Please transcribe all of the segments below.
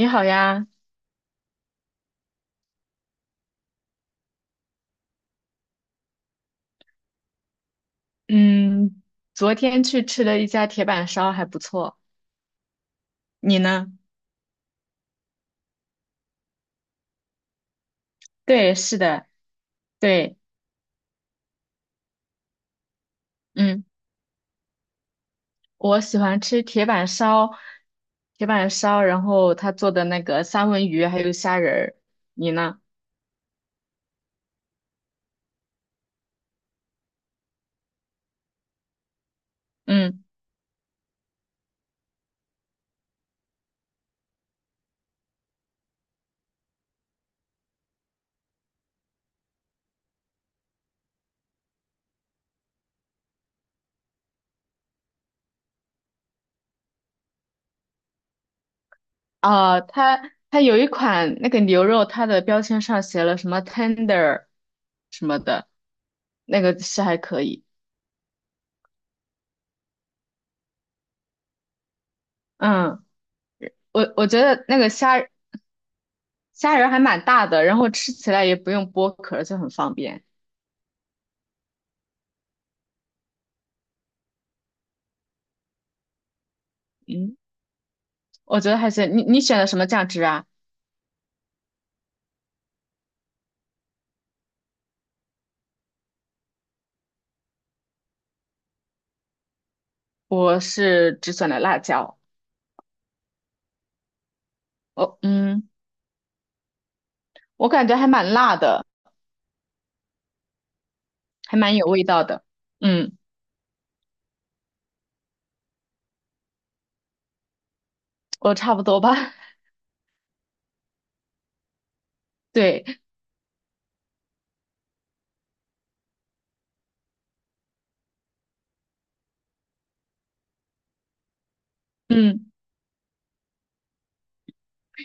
你好呀。嗯，昨天去吃了一家铁板烧，还不错。你呢？对，是的，对。嗯，我喜欢吃铁板烧,然后他做的那个三文鱼还有虾仁儿。你呢？嗯。哦，他有一款那个牛肉，它的标签上写了什么 tender 什么的，那个是还可以。嗯，我觉得那个虾仁还蛮大的，然后吃起来也不用剥壳就很方便。嗯。我觉得还是你选的什么酱汁啊？我是只选了辣椒。哦，嗯，我感觉还蛮辣的，还蛮有味道的。嗯，我差不多吧。对。嗯，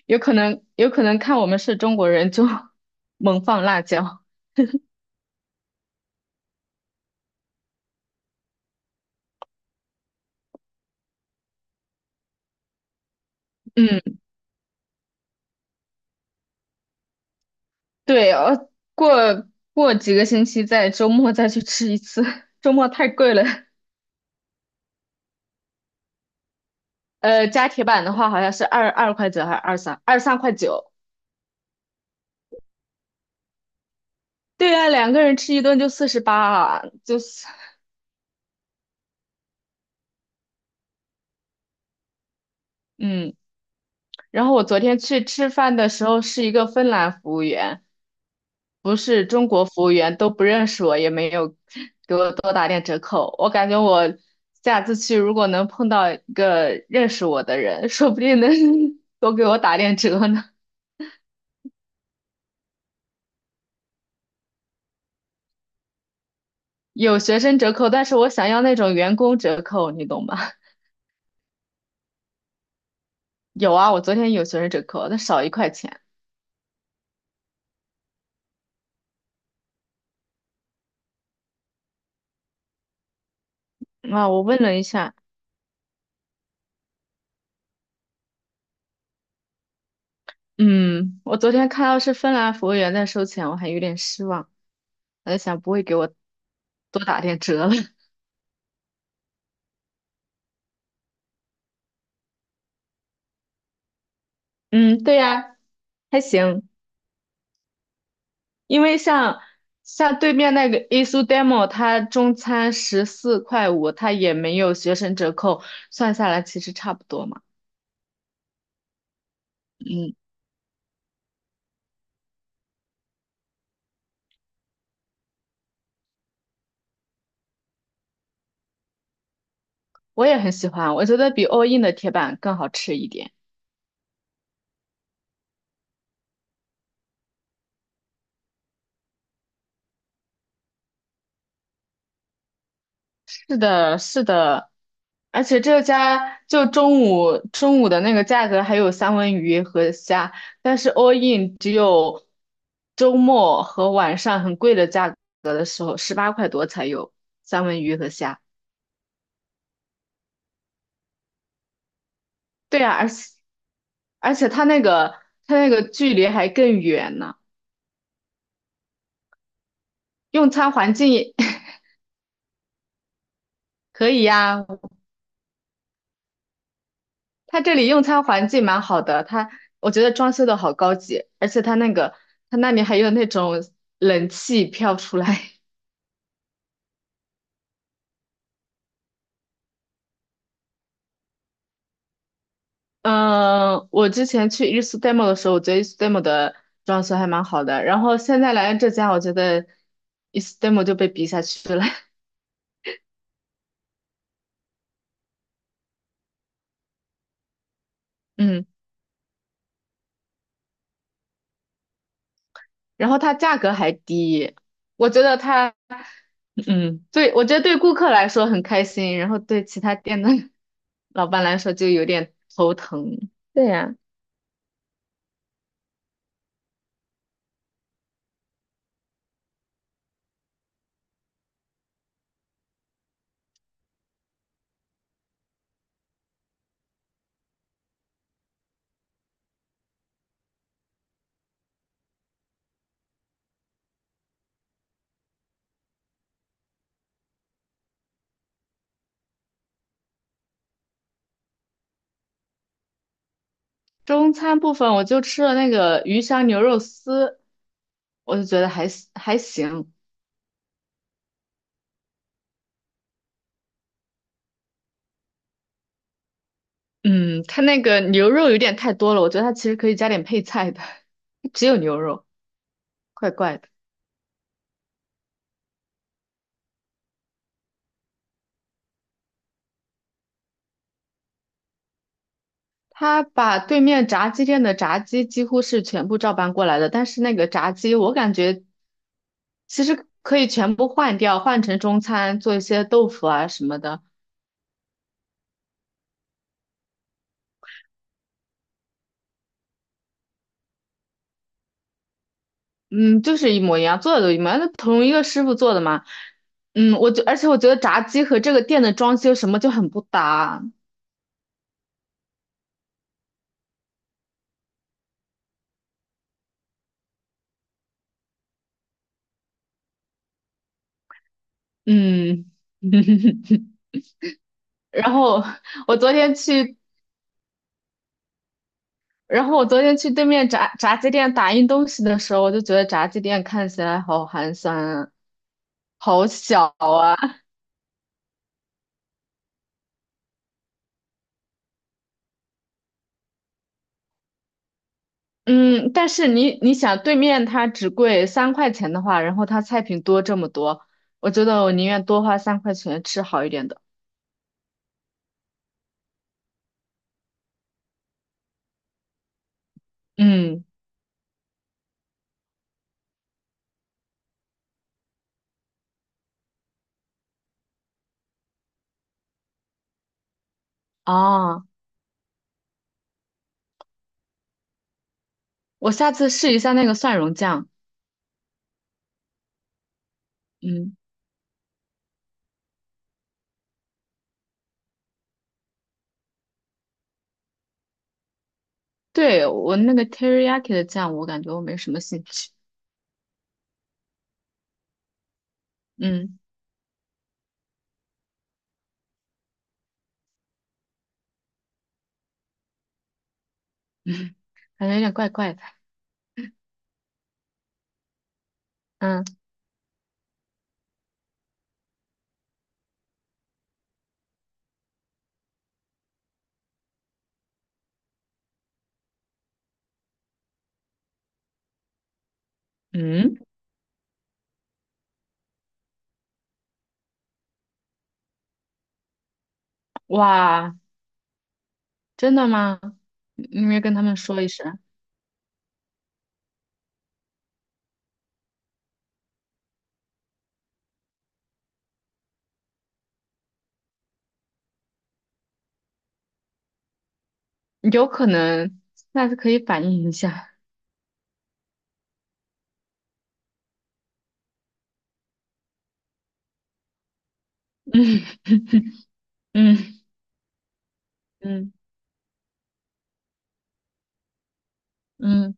有可能看我们是中国人就 猛放辣椒。嗯，对。过过几个星期再周末再去吃一次，周末太贵了。加铁板的话好像是二块九还是二三块九。对啊，两个人吃一顿就48啊，就是嗯。然后我昨天去吃饭的时候是一个芬兰服务员，不是中国服务员，都不认识我，也没有给我多打点折扣。我感觉我下次去如果能碰到一个认识我的人，说不定能 多给我打点折呢。有学生折扣，但是我想要那种员工折扣，你懂吧？有啊，我昨天有学生折扣，但少一块钱啊。我问了一下。嗯，我昨天看到是芬兰服务员在收钱，我还有点失望。我在想，不会给我多打点折了。嗯，对呀，还行。因为像对面那个 i s u Demo,它中餐14块5，它也没有学生折扣，算下来其实差不多嘛。嗯，我也很喜欢，我觉得比 All In 的铁板更好吃一点。是的，是的，而且这家就中午的那个价格还有三文鱼和虾，但是 all in 只有周末和晚上很贵的价格的时候，18块多才有三文鱼和虾。对啊，而且它那个距离还更远呢。用餐环境也 可以呀、它这里用餐环境蛮好的。我觉得装修的好高级，而且它那里还有那种冷气飘出来。嗯，我之前去 i s u d e m o 的时候，我觉得 i s u d e m o 的装修还蛮好的，然后现在来了这家，我觉得 i s u d e m o 就被比下去了。嗯，然后它价格还低。我觉得它嗯，对，我觉得对顾客来说很开心，然后对其他店的 老板来说就有点头疼。对呀。中餐部分我就吃了那个鱼香牛肉丝，我就觉得还行还行。嗯，它那个牛肉有点太多了，我觉得它其实可以加点配菜的，只有牛肉，怪怪的。他把对面炸鸡店的炸鸡几乎是全部照搬过来的，但是那个炸鸡我感觉其实可以全部换掉，换成中餐，做一些豆腐啊什么的。嗯，就是一模一样，做的都一模一样，那同一个师傅做的嘛。嗯，而且我觉得炸鸡和这个店的装修什么就很不搭。嗯，然后我昨天去，然后我昨天去对面炸鸡店打印东西的时候，我就觉得炸鸡店看起来好寒酸啊，好小啊。嗯，但是你想，对面它只贵三块钱的话，然后它菜品多这么多，我觉得我宁愿多花三块钱吃好一点的。嗯，啊。我下次试一下那个蒜蓉酱。嗯，对，我那个 teriyaki 的酱，我感觉我没什么兴趣。嗯。嗯，感觉有点怪怪的。嗯。嗯。哇，真的吗？你没跟他们说一声？有可能，下次可以反映一下。嗯。嗯。嗯。嗯。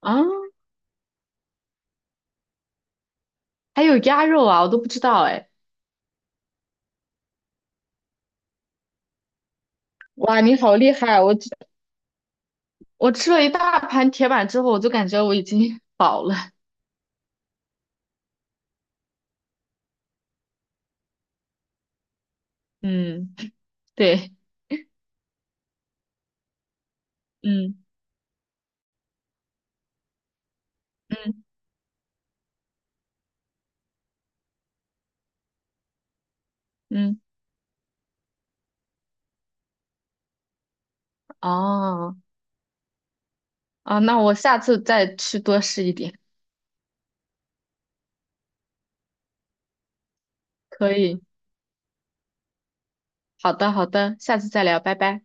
啊，还有鸭肉啊，我都不知道哎。哇，你好厉害！我吃了一大盘铁板之后，我就感觉我已经饱了。嗯，对。嗯。嗯。嗯。哦，啊，那我下次再去多试一点。可以，好的，好的，下次再聊，拜拜。